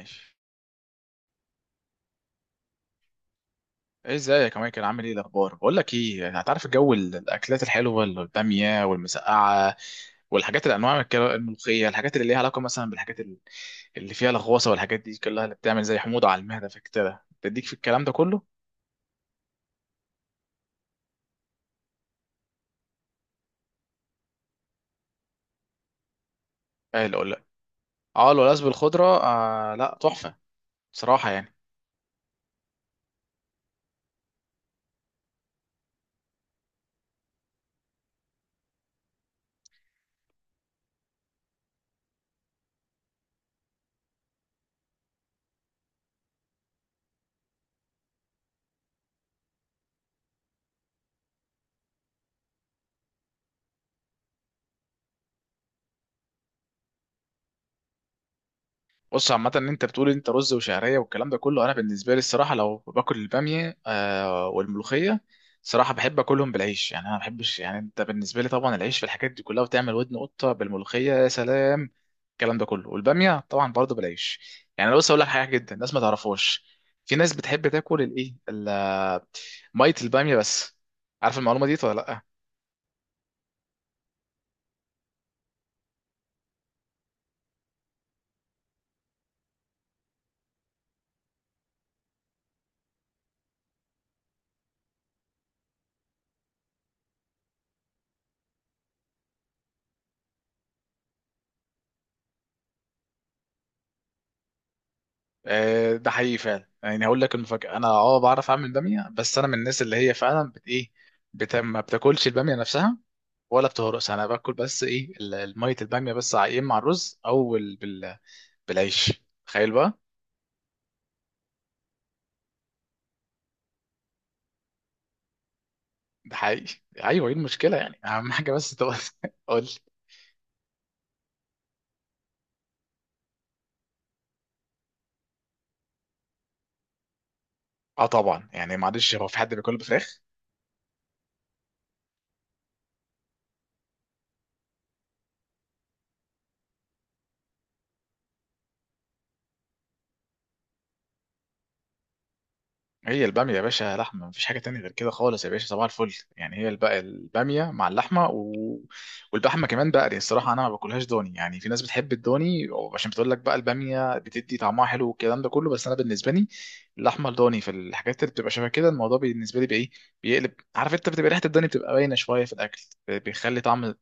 ماشي. ايه ازيك يا مايكل؟ عامل ايه الاخبار؟ بقول لك ايه، هتعرف الجو، الاكلات الحلوه، الباميه والمسقعه والحاجات، الانواع من الملوخيه، الحاجات اللي ليها علاقه مثلا اللي فيها لغوصه والحاجات دي كلها اللي بتعمل زي حموضه على المعده، فكده تديك في الكلام ده كله. قال لا. اه، الولاذ بالخضره، آه لا تحفه. بصراحه يعني. بص، عامة ان انت بتقول انت رز وشعرية والكلام ده كله، انا بالنسبة لي الصراحة لو باكل البامية، آه، والملوخية، صراحة بحب اكلهم بالعيش. يعني انا ما بحبش، يعني انت بالنسبة لي طبعا العيش في الحاجات دي كلها، وتعمل ودن قطة بالملوخية يا سلام، الكلام ده كله، والبامية طبعا برضه بالعيش. يعني انا بص اقول لك حاجة جدا الناس ما تعرفهاش. في ناس بتحب تاكل مية البامية بس. عارف المعلومة دي ولا لا؟ آه، ده حقيقي فعلا. يعني هقول لك المفاجأة، انا اه بعرف اعمل بامية، بس انا من الناس اللي هي فعلا ما بتاكلش البامية نفسها ولا بتهرسها. انا باكل بس ايه المية البامية بس، يا اما مع الرز او بالعيش، تخيل بقى. ده حقيقي. ايوه، ايه المشكلة؟ يعني اهم حاجة بس تبقى. قول. اه طبعا. يعني معلش، هو في حد بياكل بفراخ؟ هي الباميه يا باشا لحمه، مفيش حاجه تانية غير كده خالص يا باشا، صباح الفل. يعني هي الباميه مع اللحمه و... واللحمه كمان بقري الصراحه، انا ما باكلهاش ضاني. يعني في ناس بتحب الضاني، عشان بتقول لك بقى الباميه بتدي طعمها حلو والكلام ده كله، بس انا بالنسبه لي اللحمه الضاني في الحاجات اللي بتبقى شبه كده، الموضوع بالنسبه لي بايه بيقلب. عارف انت، بتبقى ريحه الضاني بتبقى باينه شويه في الاكل، بيخلي طعم.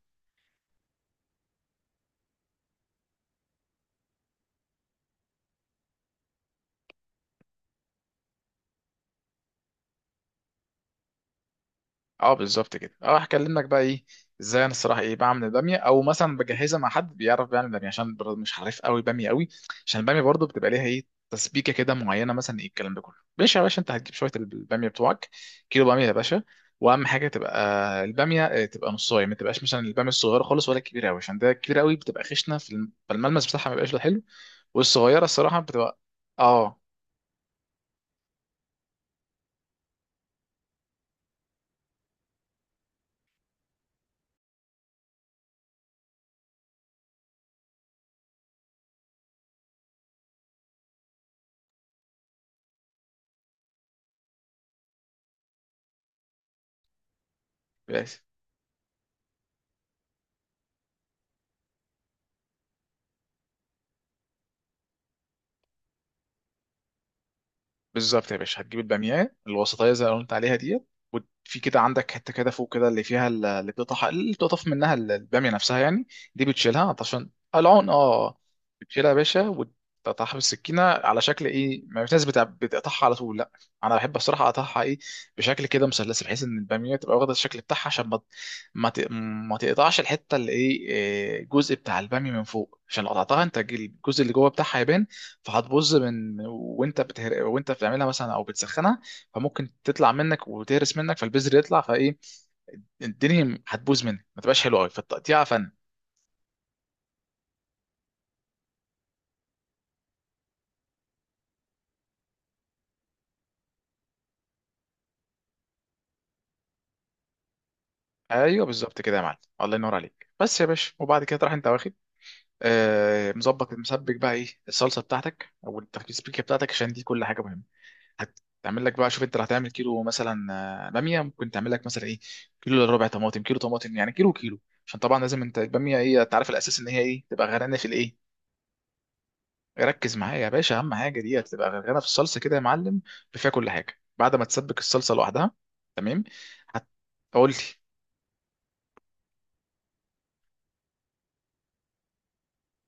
اه بالظبط كده. اه هكلمك بقى ايه ازاي انا الصراحه ايه بعمل الباميه، او مثلا بجهزها مع حد بيعرف بيعمل باميه، عشان برضه مش عارف قوي باميه قوي. عشان الباميه برضه بتبقى ليها ايه، تسبيكه كده معينه، مثلا ايه الكلام ده كله. ماشي يا باشا، انت هتجيب شويه الباميه بتوعك، كيلو باميه يا باشا، واهم حاجه تبقى الباميه آه، تبقى نصايه. ما تبقاش مثلا الباميه الصغيره خالص ولا الكبيره قوي، عشان ده الكبيره قوي بتبقى خشنه فالملمس بتاعها ما بيبقاش حلو. والصغيره الصراحه بتبقى. اه بالظبط يا باشا، هتجيب الباميه الوسطيه زي اللي قلت عليها ديت، وفي كده عندك حته كده فوق كده اللي فيها اللي بتقطع، اللي بتقطف منها الباميه نفسها يعني. دي بتشيلها عشان العون، اه بتشيلها يا باشا، وتقطعها بالسكينه على شكل ايه. ما في ناس بتقطعها على طول، لا، انا بحب الصراحه اقطعها ايه، بشكل كده مثلث، بحيث ان الباميه تبقى واخده الشكل بتاعها، عشان ما ما ت- ما تقطعش الحته اللي ايه إيه، الجزء بتاع الباميه من فوق، عشان لو قطعتها انت الجزء اللي جوه بتاعها يبان، فهتبوظ من وانت بتهر... وانت بتعملها مثلا او بتسخنها، فممكن تطلع منك وتهرس منك، فالبذر يطلع، فايه الدنيا هتبوظ منك، ما تبقاش حلوه قوي، فالتقطيع فن. ايوه بالظبط كده يا معلم، الله ينور عليك. بس يا باشا وبعد كده تروح انت واخد آه، مظبط مسبك بقى ايه الصلصه بتاعتك او التسبيكه بتاعتك، عشان دي كل حاجه مهمه. هتعمل لك بقى، شوف انت اللي هتعمل كيلو مثلا آه، باميه، ممكن تعمل لك مثلا ايه، كيلو الا ربع طماطم، كيلو طماطم، يعني كيلو كيلو، عشان طبعا لازم انت الباميه ايه، انت عارف الاساس ان هي ايه، تبقى غرقانه في الايه. ركز معايا يا باشا، اهم حاجه دي، هتبقى غرقانه في الصلصه كده يا معلم، بفيها كل حاجه، بعد ما تسبك الصلصه لوحدها. تمام. هتقول لي.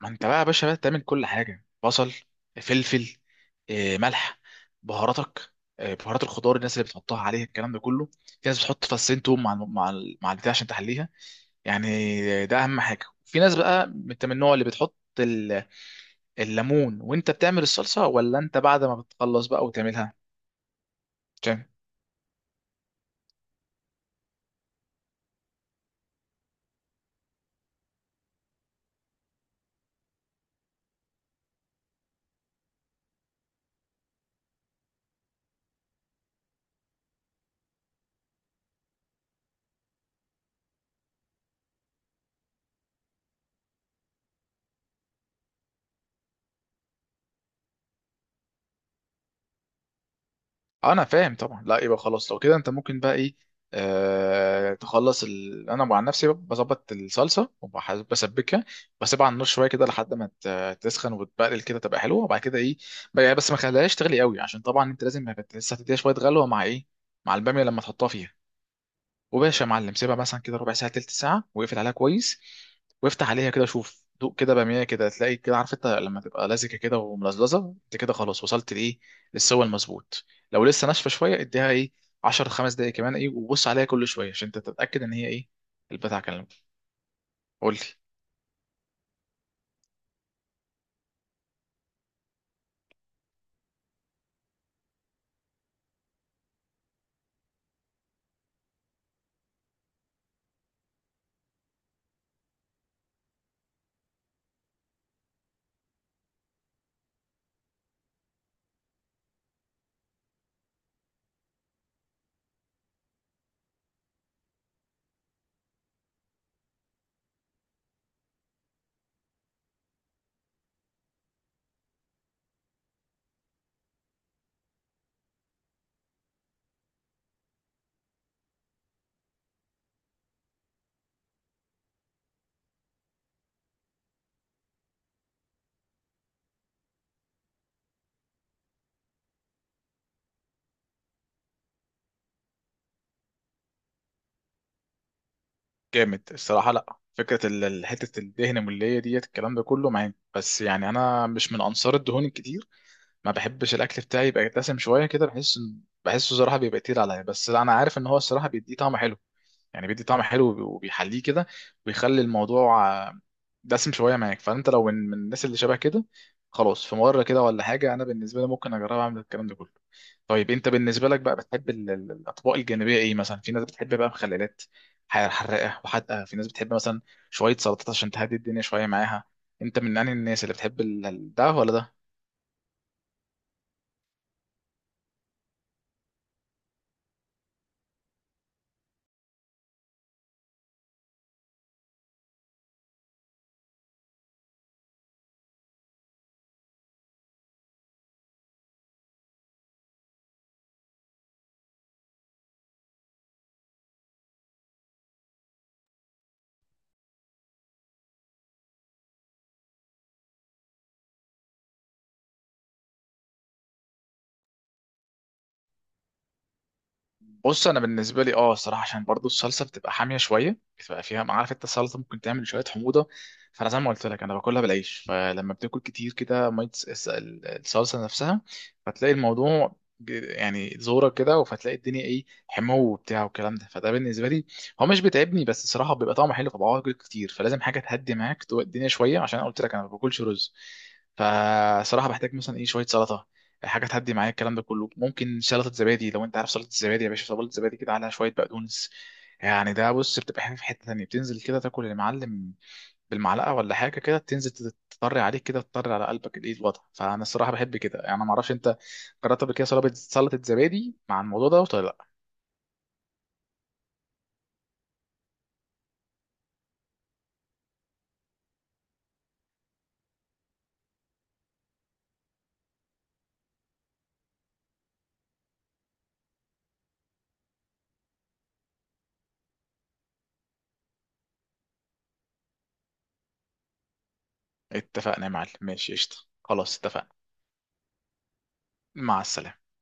ما انت بقى يا باشا بقى تعمل كل حاجه، بصل، فلفل آه، ملح، بهاراتك آه، بهارات الخضار، الناس اللي بتحطها عليها الكلام ده كله. في ناس بتحط فصين توم مع مع البتاع عشان تحليها يعني، ده اهم حاجه. في ناس بقى انت من النوع اللي بتحط الليمون وانت بتعمل الصلصه، ولا انت بعد ما بتخلص بقى وتعملها؟ آه، انا فاهم طبعا. لا يبقى خلاص، لو كده انت ممكن بقى ايه آه، انا مع نفسي بظبط الصلصه وبسبكها، بسيبها على النار شويه كده لحد ما تسخن وتبقلل كده، تبقى حلوه، وبعد كده ايه بقى، بس ما خليهاش تغلي قوي، عشان طبعا انت لازم لسه هتديها شويه غلوه مع ايه، مع الباميه لما تحطها فيها. وباشا يا معلم، سيبها مثلا كده ربع ساعه، تلت ساعه، واقفل عليها كويس، وافتح عليها كده، شوف دوق كده باميه كده، تلاقي كده، عارف انت لما تبقى لزجه كده وملزلزه، انت كده خلاص وصلت لايه، للسوى المظبوط. لو لسه ناشفه شويه، اديها ايه 10 5 دقايق كمان ايه، وبص عليها كل شويه عشان انت تتاكد ان هي ايه البتاع كلام. قول لي. جامد الصراحه. لا فكره حته الدهن المليه ديت الكلام ده كله معايا، بس يعني انا مش من انصار الدهون الكتير. ما بحبش الاكل بتاعي يبقى دسم شويه كده، بحسه صراحه بيبقى تقيل عليا، بس انا عارف ان هو الصراحه بيديه طعم حلو، يعني بيدي طعم حلو وبيحليه كده، وبيخلي الموضوع آه، دسم شويه معاك. فانت لو من الناس اللي شبه كده خلاص، في مره كده ولا حاجه انا بالنسبه لي ممكن اجرب اعمل الكلام ده كله. طيب انت بالنسبه لك بقى بتحب الاطباق الجانبيه ايه مثلا؟ في ناس بتحب بقى مخللات، حراقه وحادقه، في ناس بتحب مثلا شويه سلطات عشان تهدي الدنيا شويه معاها. انت من انهي الناس، اللي بتحب ده ولا ده؟ بص انا بالنسبه لي اه الصراحه، عشان برضو الصلصه بتبقى حاميه شويه، بتبقى فيها ما عارف انت، السلطه ممكن تعمل شويه حموضه، فانا زي ما قلت لك انا باكلها بالعيش، فلما بتاكل كتير كده ميه الصلصه نفسها، فتلاقي الموضوع يعني زورة كده، فتلاقي الدنيا ايه، حمو وبتاع والكلام ده، فده بالنسبه لي هو مش بيتعبني، بس الصراحه بيبقى طعمه حلو فبقعد اكل كتير، فلازم حاجه تهدي معاك الدنيا شويه، عشان أنا قلت لك انا ما باكلش رز، فصراحه بحتاج مثلا ايه شويه سلطه، حاجه تهدي معايا الكلام ده كله. ممكن سلطه زبادي لو انت عارف سلطه الزبادي يا باشا، سلطه زبادي كده عليها شويه بقدونس، يعني ده بص بتبقى حاجه في حته تانيه، بتنزل كده تاكل المعلم بالمعلقه ولا حاجه كده، تنزل تطري عليك كده، تطري على قلبك ايه الوضع. فانا الصراحه بحب كده يعني. ما اعرفش انت جربت قبل كده سلطه زبادي مع الموضوع ده ولا لا؟ اتفقنا يا معلم، ماشي قشطه، خلاص اتفقنا. مع السلامه.